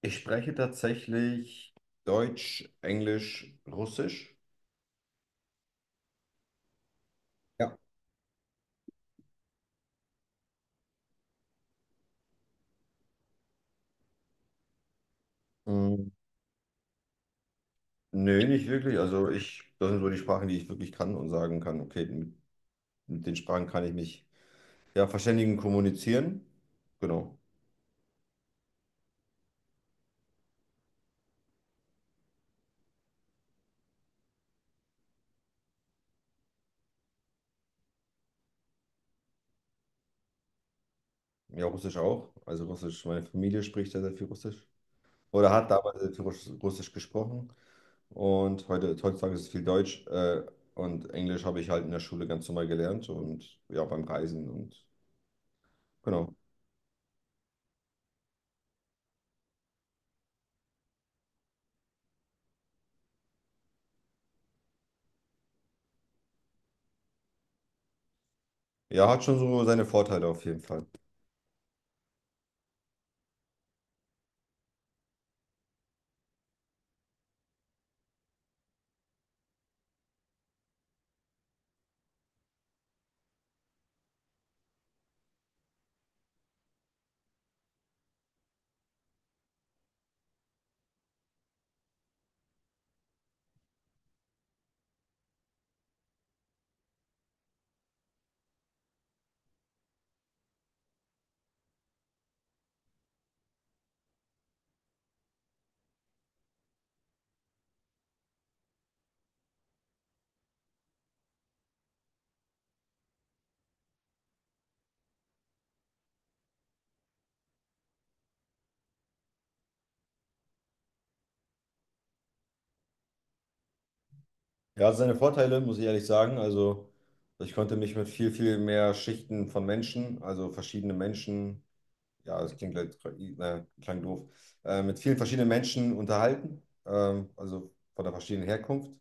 Ich spreche tatsächlich Deutsch, Englisch, Russisch. Ja. Hm, nö, nicht wirklich. Also das sind so die Sprachen, die ich wirklich kann und sagen kann, okay, mit den Sprachen kann ich mich ja verständigen, kommunizieren. Genau. Ja, Russisch auch. Also Russisch, meine Familie spricht sehr, sehr viel Russisch. Oder hat damals sehr viel Russisch gesprochen. Und heutzutage ist es viel Deutsch. Und Englisch habe ich halt in der Schule ganz normal gelernt und ja, beim Reisen und genau. Ja, hat schon so seine Vorteile auf jeden Fall. Er hat seine Vorteile, muss ich ehrlich sagen. Also, ich konnte mich mit viel, viel mehr Schichten von Menschen, also verschiedene Menschen, ja, das klingt, klang doof, mit vielen verschiedenen Menschen unterhalten, also von der verschiedenen Herkunft. Und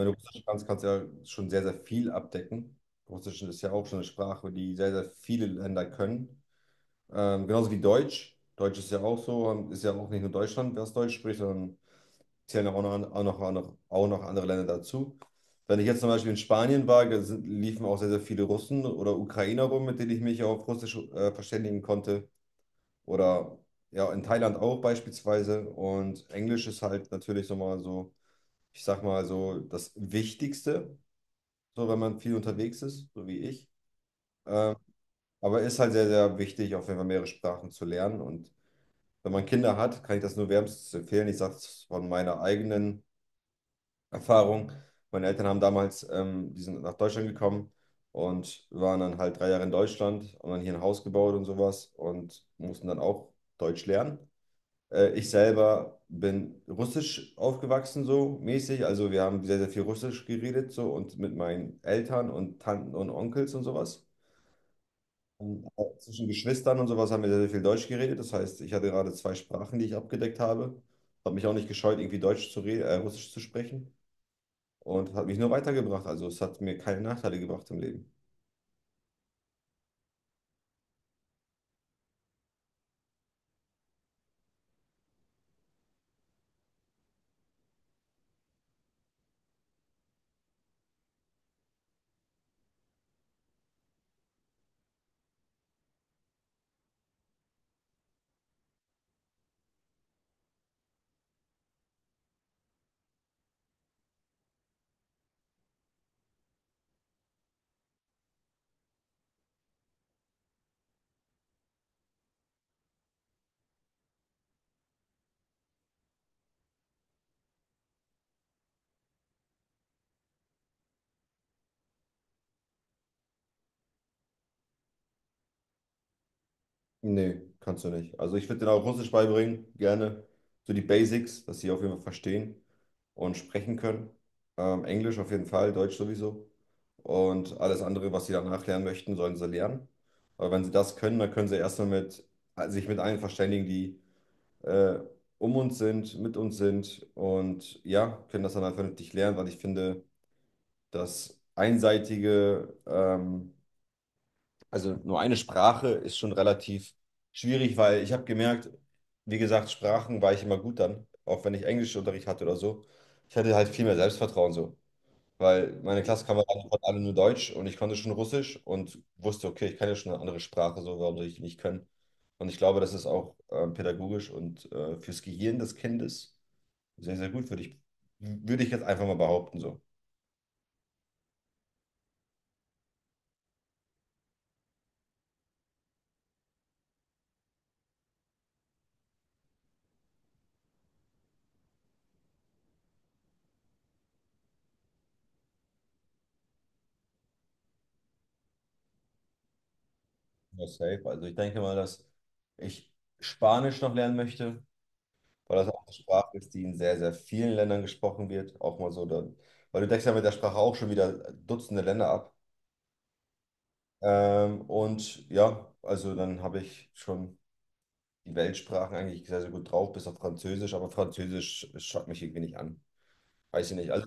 wenn du Russisch kannst, kannst du ja schon sehr, sehr viel abdecken. Russisch ist ja auch schon eine Sprache, die sehr, sehr viele Länder können. Genauso wie Deutsch. Deutsch ist ja auch so, ist ja auch nicht nur Deutschland, wer es Deutsch spricht, sondern zählen auch noch, andere Länder dazu. Wenn ich jetzt zum Beispiel in Spanien war, liefen auch sehr, sehr viele Russen oder Ukrainer rum, mit denen ich mich auf Russisch verständigen konnte. Oder ja, in Thailand auch beispielsweise. Und Englisch ist halt natürlich so mal so, ich sag mal so, das Wichtigste, so wenn man viel unterwegs ist, so wie ich. Ähm, aber ist halt sehr, sehr wichtig, auf jeden Fall mehrere Sprachen zu lernen. Und wenn man Kinder hat, kann ich das nur wärmstens empfehlen. Ich sage es von meiner eigenen Erfahrung. Meine Eltern haben damals, die sind nach Deutschland gekommen und waren dann halt 3 Jahre in Deutschland und dann hier ein Haus gebaut und sowas und mussten dann auch Deutsch lernen. Ich selber bin russisch aufgewachsen, so mäßig. Also wir haben sehr, sehr viel Russisch geredet, so und mit meinen Eltern und Tanten und Onkels und sowas. Und auch zwischen Geschwistern und sowas haben wir sehr, sehr viel Deutsch geredet. Das heißt, ich hatte gerade zwei Sprachen, die ich abgedeckt habe. Habe mich auch nicht gescheut, irgendwie Deutsch zu reden, Russisch zu sprechen. Und das hat mich nur weitergebracht. Also es hat mir keine Nachteile gebracht im Leben. Nee, kannst du nicht. Also ich würde denen auch Russisch beibringen, gerne. So die Basics, dass sie auf jeden Fall verstehen und sprechen können. Englisch auf jeden Fall, Deutsch sowieso. Und alles andere, was sie danach lernen möchten, sollen sie lernen. Aber wenn sie das können, dann können sie erstmal sich mit allen verständigen, die äh, um uns sind, mit uns sind und ja, können das dann halt vernünftig lernen, weil ich finde, das einseitige, also nur eine Sprache ist schon relativ schwierig, weil ich habe gemerkt, wie gesagt, Sprachen war ich immer gut dann, auch wenn ich Englischunterricht hatte oder so. Ich hatte halt viel mehr Selbstvertrauen so, weil meine Klassenkameraden konnten alle nur Deutsch und ich konnte schon Russisch und wusste, okay, ich kann ja schon eine andere Sprache, so warum soll ich die nicht können? Und ich glaube, das ist auch pädagogisch und fürs Gehirn des Kindes sehr, sehr gut, würde ich jetzt einfach mal behaupten so. Ja, safe. Also ich denke mal, dass ich Spanisch noch lernen möchte, weil das auch eine Sprache ist, die in sehr, sehr vielen Ländern gesprochen wird. Auch mal so, dann, weil du deckst ja mit der Sprache auch schon wieder Dutzende Länder ab. Und ja, also dann habe ich schon die Weltsprachen eigentlich sehr, sehr gut drauf, bis auf Französisch, aber Französisch schaut mich irgendwie nicht an. Weiß ich nicht. Also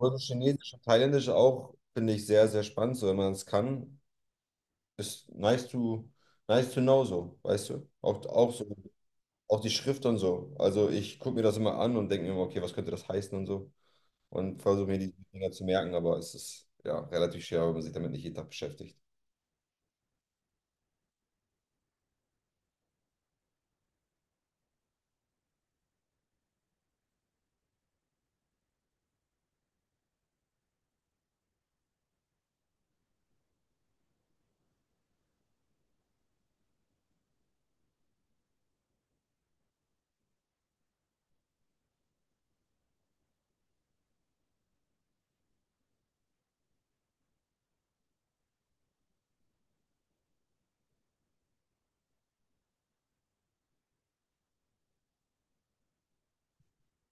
Russisch, Chinesisch und Thailändisch auch finde ich sehr, sehr spannend. So, wenn man es kann, ist nice to know so, weißt du? Auch, auch so, auch die Schrift und so. Also ich gucke mir das immer an und denke mir immer, okay, was könnte das heißen und so. Und versuche mir die Dinger zu merken, aber es ist ja relativ schwer, wenn man sich damit nicht jeden Tag beschäftigt.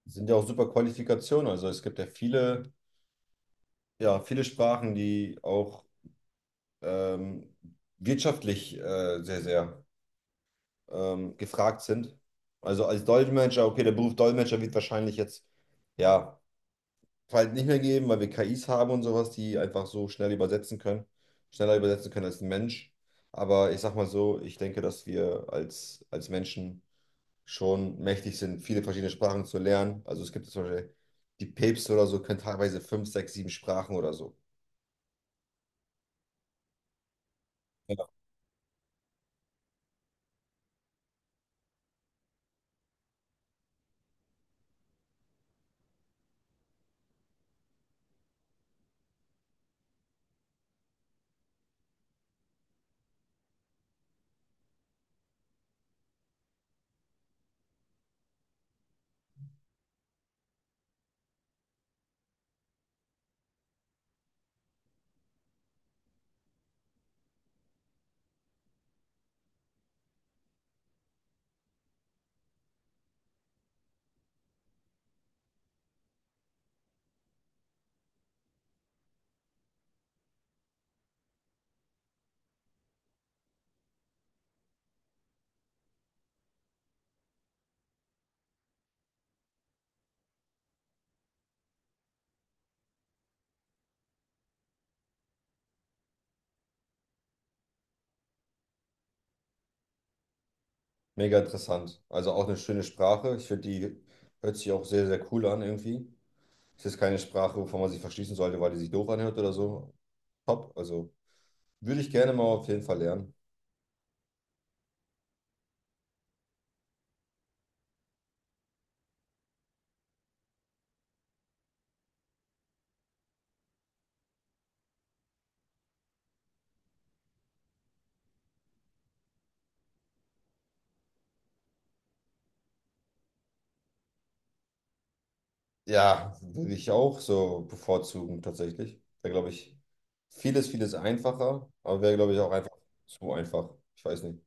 Es sind ja auch super Qualifikationen, also es gibt ja, viele Sprachen, die auch ähm, wirtschaftlich sehr, sehr gefragt sind. Also als Dolmetscher, okay, der Beruf Dolmetscher wird wahrscheinlich jetzt, ja, halt nicht mehr geben, weil wir KIs haben und sowas, die einfach so schnell übersetzen können, schneller übersetzen können als ein Mensch. Aber ich sag mal so, ich denke, dass wir als Menschen schon mächtig sind, viele verschiedene Sprachen zu lernen. Also es gibt zum Beispiel die Päpste oder so, können teilweise fünf, sechs, sieben Sprachen oder so. Ja. Mega interessant. Also auch eine schöne Sprache. Ich finde, die hört sich auch sehr, sehr cool an irgendwie. Es ist keine Sprache, wovon man sich verschließen sollte, weil die sich doof anhört oder so. Top. Also würde ich gerne mal auf jeden Fall lernen. Ja, würde ich auch so bevorzugen, tatsächlich. Wäre, glaube ich, vieles, vieles einfacher, aber wäre, glaube ich, auch einfach zu einfach. Ich weiß nicht.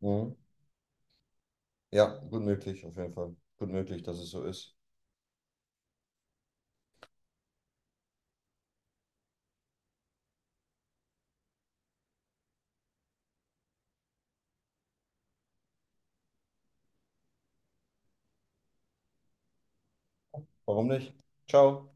Mhm. Ja, gut möglich, auf jeden Fall. Gut möglich, dass es so ist. Warum nicht? Ciao.